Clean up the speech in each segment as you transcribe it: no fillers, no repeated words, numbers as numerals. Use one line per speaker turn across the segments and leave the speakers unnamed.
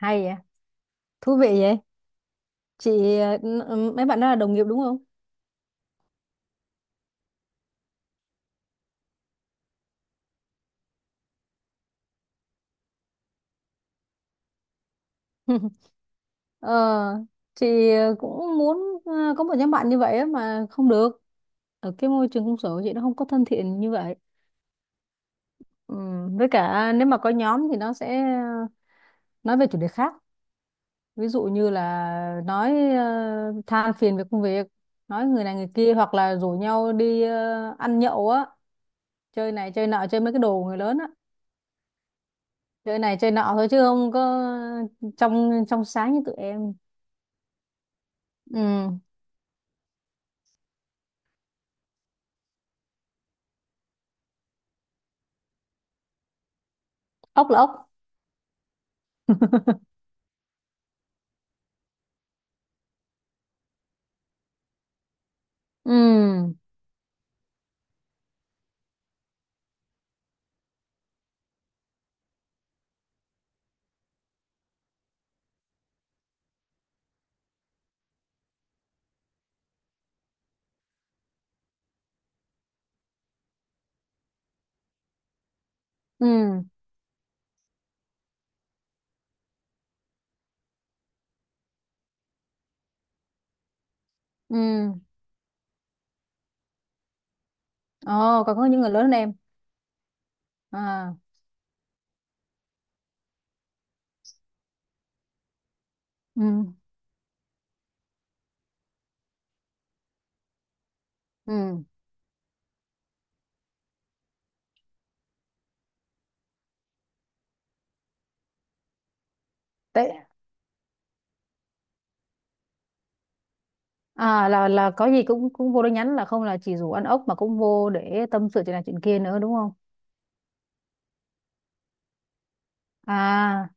Hay vậy, thú vị vậy chị. Mấy bạn đó là đồng nghiệp đúng không? Ờ, chị cũng muốn ờ, có một nhóm bạn như vậy á mà không được. Ở cái môi trường công sở của chị, nó không có thân thiện như vậy. Ừ, với cả nếu mà có nhóm thì nó sẽ nói về chủ đề khác, ví dụ như là nói than phiền về công việc, nói người này người kia, hoặc là rủ nhau đi ăn nhậu á, chơi này chơi nọ, chơi mấy cái đồ của người lớn á, chơi này chơi nọ thôi chứ không có trong trong sáng như tụi em. Ừ, ốc là ốc. Ừ, ừ, ừ. Ồ, còn có những người lớn hơn em à? Ừ, ừ. Tệ. À, là có gì cũng cũng vô đó nhắn, là không là chỉ rủ ăn ốc mà cũng vô để tâm sự chuyện này chuyện kia nữa đúng không? À,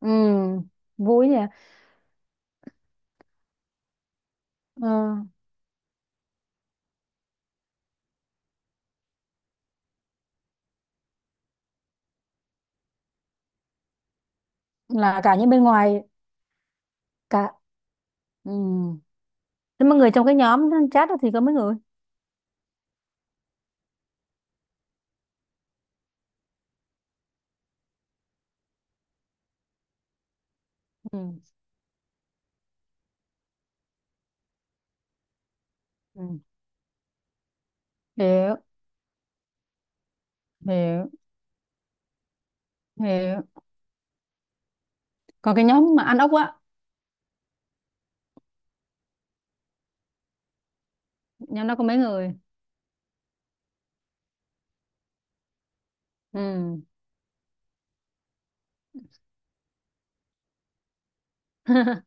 ừ, vui nhỉ. Ừ, là cả những bên ngoài, cả. Ừ, thế mà người trong cái nhóm chat đó thì có mấy người? Ừ, ừ, hiểu, hiểu, hiểu. Còn cái nhóm mà ăn ốc á, nhóm đó có mấy người? Ừ.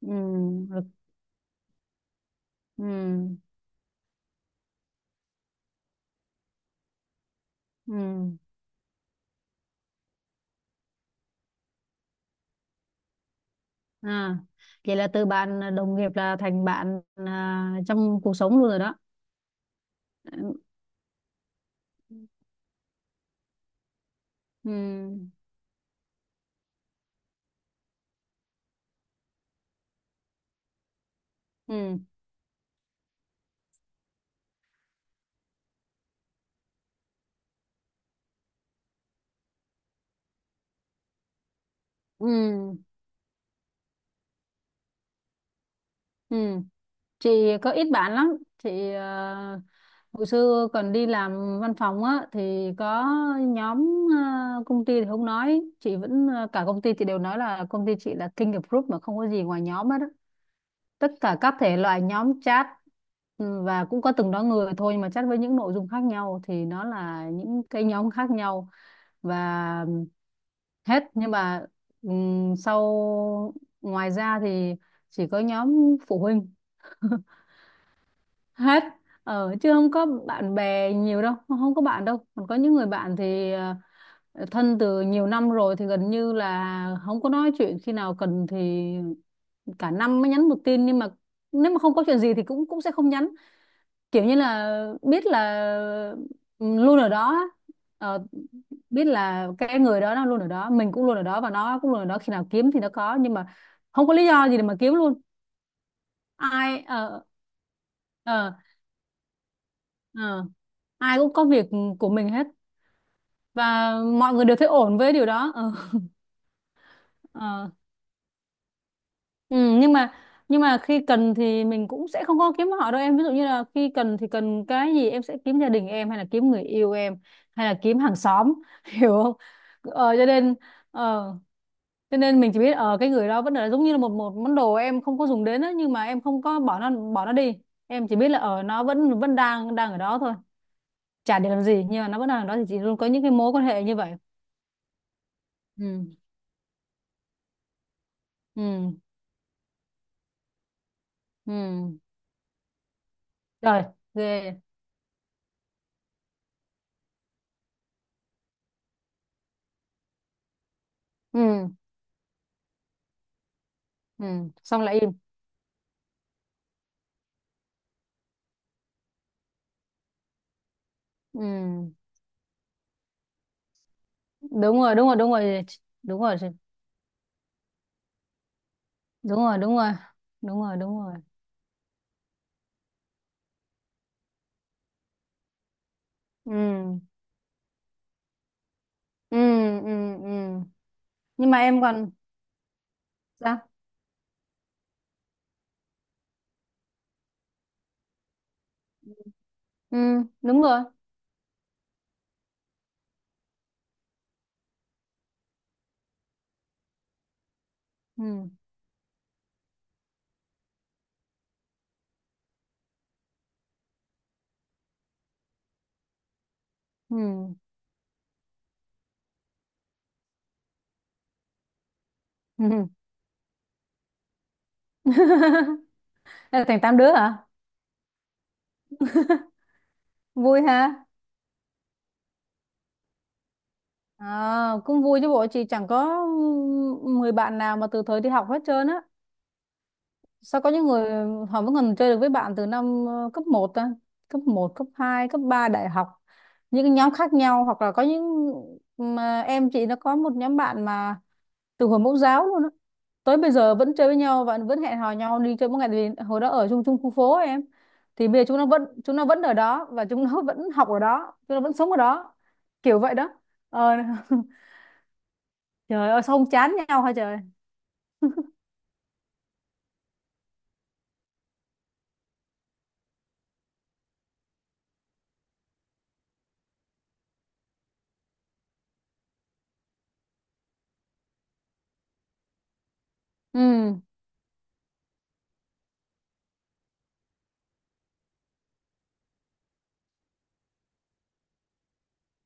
Ừ. Được. Ừ, ừ. À, vậy là từ bạn đồng nghiệp là thành bạn à, trong cuộc sống luôn rồi đó. Ừ, ừ, ừ, ừ, ừ. Chị có ít bạn lắm chị à. Hồi xưa còn đi làm văn phòng á thì có nhóm à, công ty thì không nói, chị vẫn à, cả công ty chị đều nói là công ty chị là king of group, mà không có gì ngoài nhóm hết á. Tất cả các thể loại nhóm chat. Ừ, và cũng có từng đó người thôi nhưng mà chat với những nội dung khác nhau thì nó là những cái nhóm khác nhau. Và hết nhưng mà sau, ngoài ra thì chỉ có nhóm phụ huynh hết. Chứ không có bạn bè nhiều đâu, không có bạn đâu. Còn có những người bạn thì thân từ nhiều năm rồi thì gần như là không có nói chuyện, khi nào cần thì cả năm mới nhắn một tin. Nhưng mà nếu mà không có chuyện gì thì cũng cũng sẽ không nhắn. Kiểu như là biết là, ừ, luôn ở đó á. Ờ, biết là cái người đó nó luôn ở đó, mình cũng luôn ở đó, và nó cũng luôn ở đó, khi nào kiếm thì nó có, nhưng mà không có lý do gì để mà kiếm luôn. Ai ờ ờ Ờ, ai cũng có việc của mình hết. Và mọi người đều thấy ổn với điều đó. Ờ, ờ. Ừ, nhưng mà khi cần thì mình cũng sẽ không có kiếm họ đâu em. Ví dụ như là khi cần thì cần cái gì, em sẽ kiếm gia đình em, hay là kiếm người yêu em, hay là kiếm hàng xóm. Hiểu không? Ờ, cho nên, ờ, cho nên mình chỉ biết ở cái người đó vẫn là giống như là một một món đồ em không có dùng đến á, nhưng mà em không có bỏ nó, đi em chỉ biết là ở nó vẫn vẫn đang đang ở đó thôi, chả để làm gì, nhưng mà nó vẫn đang ở đó. Thì chị luôn có những cái mối quan hệ như vậy. Ừ, ừ, ừ, rồi, ghê. Ừ, ừ, xong lại im. Ừ, đúng rồi, đúng rồi, đúng rồi, đúng rồi, đúng rồi, đúng rồi, đúng rồi, đúng rồi. Ừ, ừ, ừ, ừ. Nhưng mà em còn sao? Ừ, đúng rồi. Ừ, ừ, ừ. Thế thành tám đứa hả? Vui ha. À, cũng vui chứ bộ, chị chẳng có 10 bạn nào mà từ thời đi học hết trơn á. Sao có những người họ vẫn còn chơi được với bạn từ năm cấp một ta? Cấp một, cấp 2, cấp ba, đại học. Những cái nhóm khác nhau, hoặc là có những, mà em chị nó có một nhóm bạn mà từ hồi mẫu giáo luôn á. Tới bây giờ vẫn chơi với nhau và vẫn hẹn hò nhau đi chơi mỗi ngày, tại vì hồi đó ở chung chung khu phố ấy em. Thì bây giờ chúng nó vẫn ở đó, và chúng nó vẫn học ở đó, chúng nó vẫn sống ở đó. Kiểu vậy đó. Ờ, trời ơi sao không chán nhau hả trời. Ừ,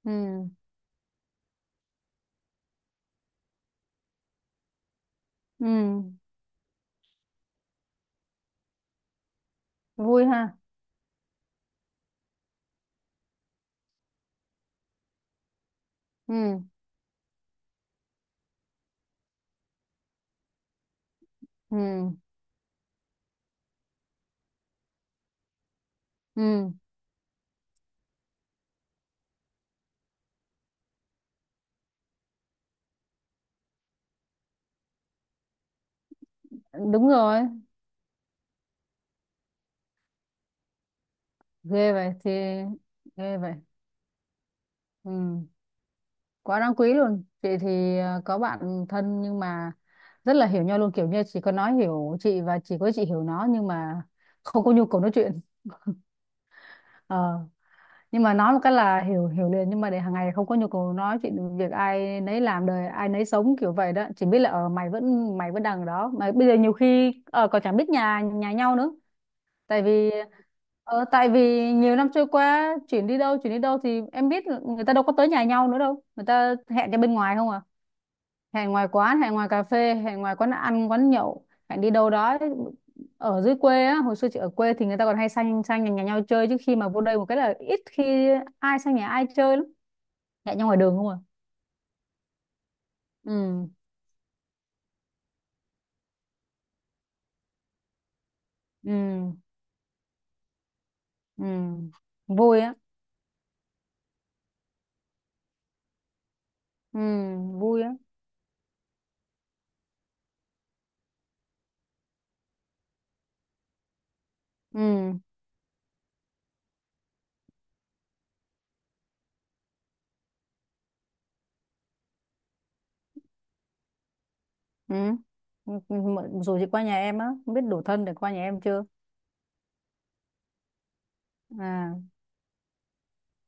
ừ, ừ, vui ha. Ừ. Ừ. Ừ, đúng rồi, ghê vậy. Thì ghê vậy. Ừ, quá đáng quý luôn. Chị thì có bạn thân, nhưng mà rất là hiểu nhau luôn, kiểu như chỉ có nó hiểu chị và chỉ có chị hiểu nó, nhưng mà không có nhu cầu nói chuyện. Ờ, nhưng mà nói một cái là hiểu hiểu liền, nhưng mà để hàng ngày không có nhu cầu nói chuyện, việc ai nấy làm, đời ai nấy sống, kiểu vậy đó. Chỉ biết là ở mày vẫn, mày vẫn đằng đó, mà bây giờ nhiều khi ờ còn chẳng biết nhà nhà nhau nữa. Tại vì tại vì nhiều năm trôi qua, chuyển đi đâu, thì em biết là người ta đâu có tới nhà nhau nữa đâu, người ta hẹn ra bên ngoài không à. Hẹn ngoài quán, hẹn ngoài cà phê, hẹn ngoài quán ăn quán nhậu, hẹn đi đâu đó. Ở dưới quê á, hồi xưa chị ở quê thì người ta còn hay sang, sang nhà nhau chơi, chứ khi mà vô đây một cái là ít khi ai sang nhà ai chơi lắm. Hẹn nhau ngoài đường không à. Ừ, ừ, ừ, vui á. Ừ, vui á. Ừ, ừ. Ừ, dù chị qua nhà em á, không biết đủ thân để qua nhà em chưa? À.